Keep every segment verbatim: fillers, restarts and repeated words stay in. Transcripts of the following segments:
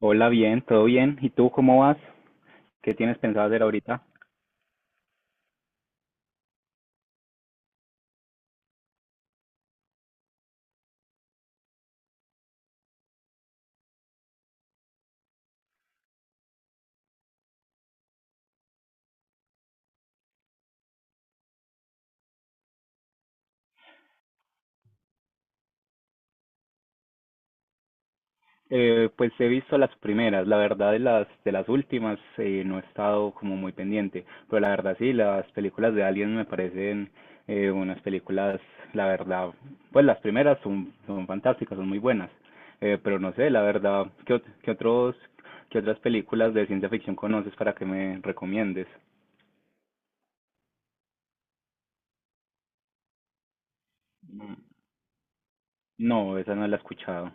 Hola, bien, todo bien. ¿Y tú cómo vas? ¿Qué tienes pensado hacer ahorita? Eh, pues he visto las primeras, la verdad de las de las últimas eh, no he estado como muy pendiente, pero la verdad sí, las películas de Alien me parecen eh, unas películas, la verdad, pues las primeras son, son fantásticas, son muy buenas. Eh, pero no sé, la verdad, ¿qué, ot- qué otros, qué otras películas de ciencia ficción conoces para que me recomiendes? Mm, no, esa no la he escuchado.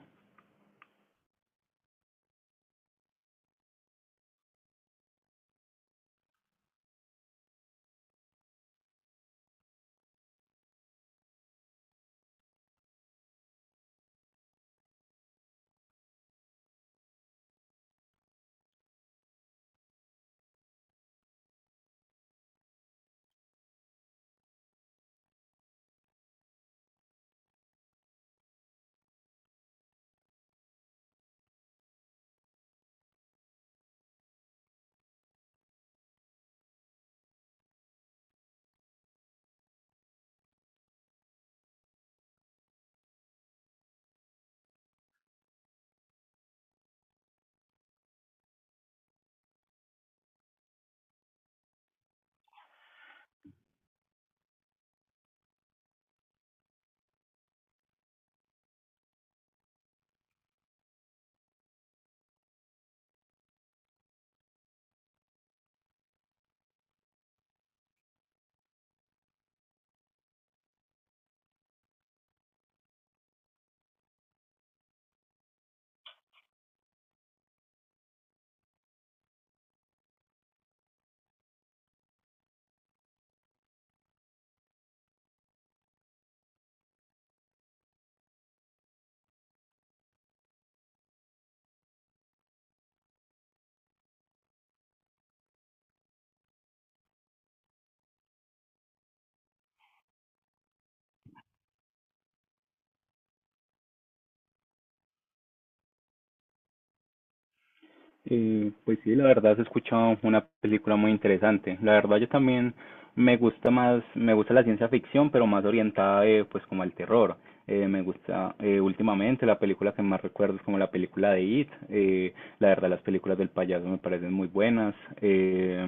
Eh, pues sí, la verdad, se escucha una película muy interesante. La verdad yo también me gusta más, me gusta la ciencia ficción, pero más orientada, eh, pues como al terror. Eh, me gusta, eh, últimamente la película que más recuerdo es como la película de It. Eh, la verdad las películas del payaso me parecen muy buenas. Eh,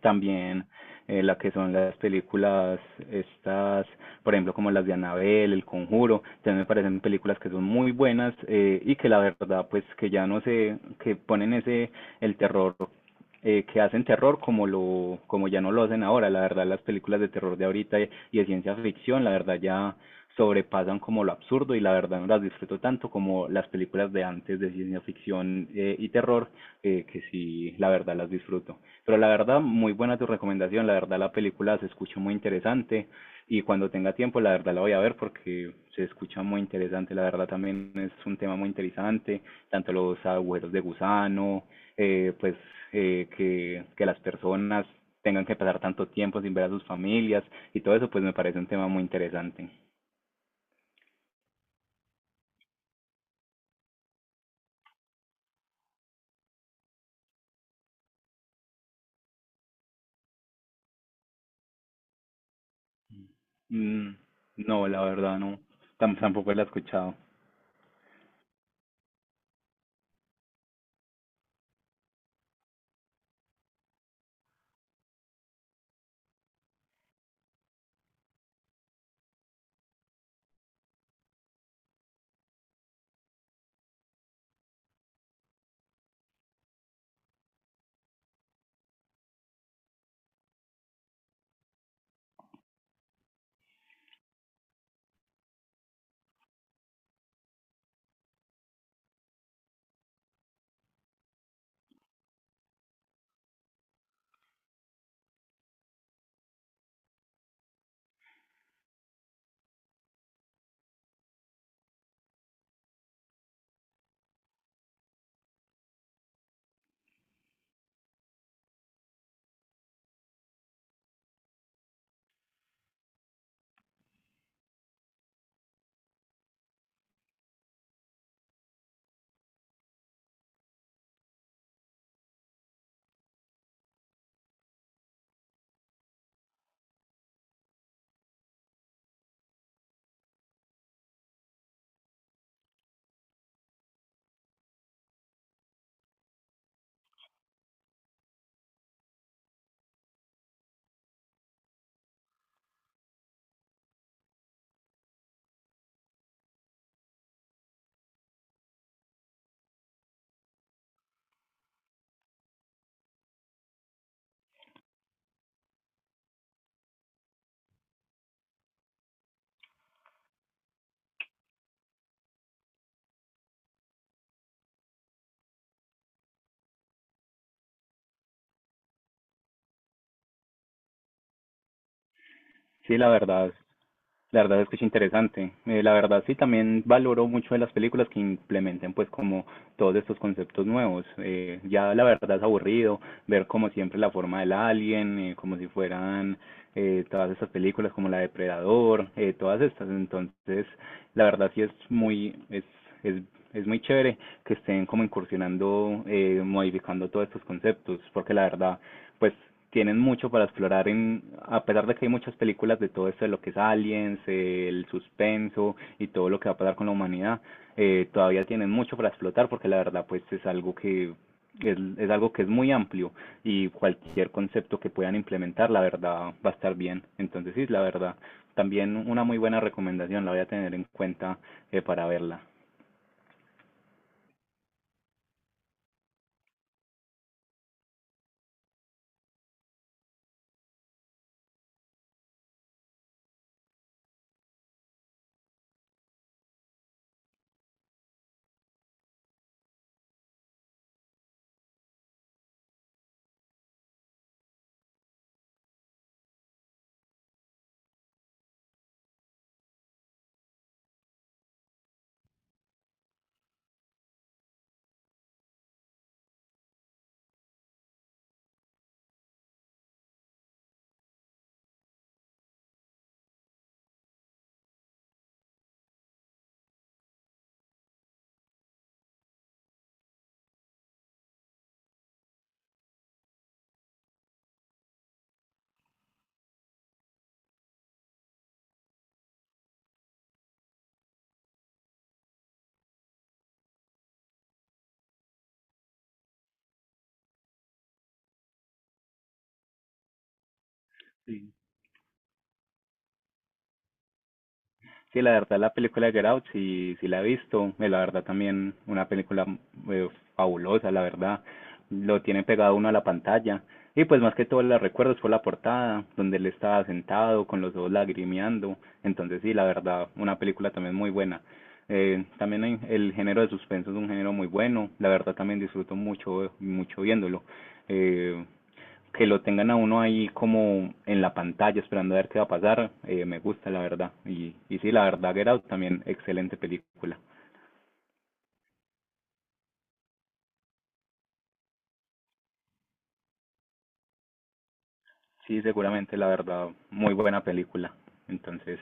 También, eh, la que son las películas estas, por ejemplo, como las de Annabelle, El Conjuro, también me parecen películas que son muy buenas, eh, y que la verdad, pues que ya no sé, que ponen ese, el terror, eh, que hacen terror como lo como ya no lo hacen ahora. La verdad, las películas de terror de ahorita y, y de ciencia ficción, la verdad ya sobrepasan como lo absurdo y la verdad no las disfruto tanto como las películas de antes de ciencia ficción, eh, y terror, eh, que sí, la verdad las disfruto. Pero la verdad, muy buena tu recomendación, la verdad la película se escucha muy interesante y cuando tenga tiempo la verdad la voy a ver porque se escucha muy interesante, la verdad también es un tema muy interesante, tanto los agujeros de gusano, eh, pues eh, que, que las personas tengan que pasar tanto tiempo sin ver a sus familias y todo eso, pues me parece un tema muy interesante. Mm, no, la verdad no, tam- tampoco la he escuchado. Sí, la verdad, la verdad es que es interesante. Eh, la verdad sí también valoro mucho de las películas que implementen pues como todos estos conceptos nuevos. Eh, ya la verdad es aburrido ver como siempre la forma del alien, eh, como si fueran, eh, todas estas películas como la Depredador, eh, todas estas. Entonces la verdad sí es muy es es es muy chévere que estén como incursionando, eh, modificando todos estos conceptos, porque la verdad pues tienen mucho para explorar en, a pesar de que hay muchas películas de todo esto de lo que es aliens, eh, el suspenso y todo lo que va a pasar con la humanidad, eh, todavía tienen mucho para explotar porque la verdad pues es algo que es, es algo que es muy amplio y cualquier concepto que puedan implementar la verdad va a estar bien. Entonces sí, la verdad, también una muy buena recomendación, la voy a tener en cuenta, eh, para verla. Sí, la verdad, la película de Get Out, sí, sí la he visto. Eh, La verdad, también una película, eh, fabulosa, la verdad. Lo tiene pegado uno a la pantalla. Y pues más que todo la recuerdo es por la portada, donde él estaba sentado con los ojos lagrimeando. Entonces sí, la verdad, una película también muy buena. Eh, también hay- el género de suspenso es un género muy bueno. La verdad, también disfruto mucho, mucho viéndolo. Eh, que lo tengan a uno ahí como en la pantalla esperando a ver qué va a pasar, eh, me gusta la verdad. Y, y sí, la verdad, Get Out también excelente película. Sí, seguramente la verdad, muy buena película. Entonces,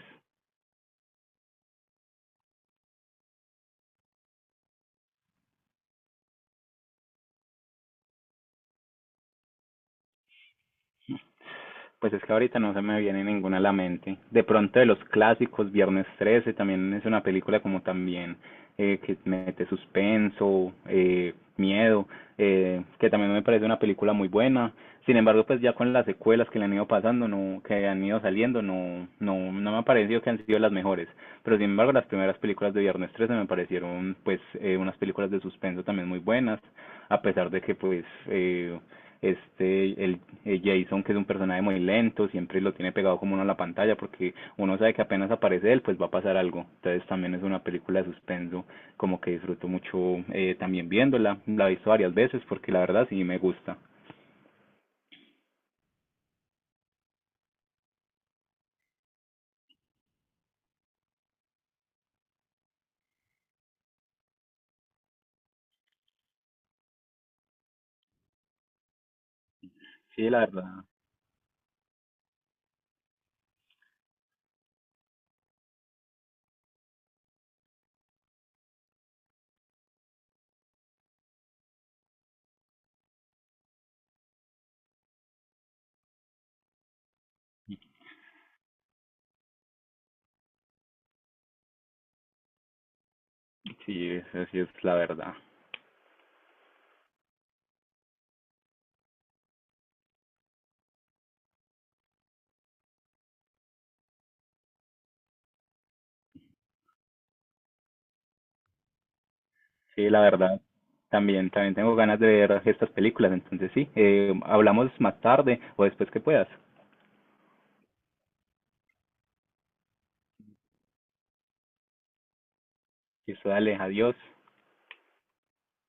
pues es que ahorita no se me viene ninguna a la mente. De pronto de los clásicos, Viernes trece también es una película como también, eh, que mete suspenso, eh, miedo, eh, que también me parece una película muy buena. Sin embargo, pues ya con las secuelas que le han ido pasando, no, que han ido saliendo, no, no, no me ha parecido que han sido las mejores. Pero sin embargo, las primeras películas de Viernes trece me parecieron pues, eh, unas películas de suspenso también muy buenas, a pesar de que pues, eh, este, el, el Jason, que es un personaje muy lento, siempre lo tiene pegado como uno a la pantalla porque uno sabe que apenas aparece él, pues va a pasar algo. Entonces también es una película de suspenso, como que disfruto mucho, eh, también viéndola. La he visto varias veces porque la verdad sí me gusta. Sí, la verdad. Sí, esa sí es la verdad. Sí, la verdad. También, también tengo ganas de ver estas películas, entonces sí, eh, hablamos más tarde o después que puedas. Eso, dale, adiós.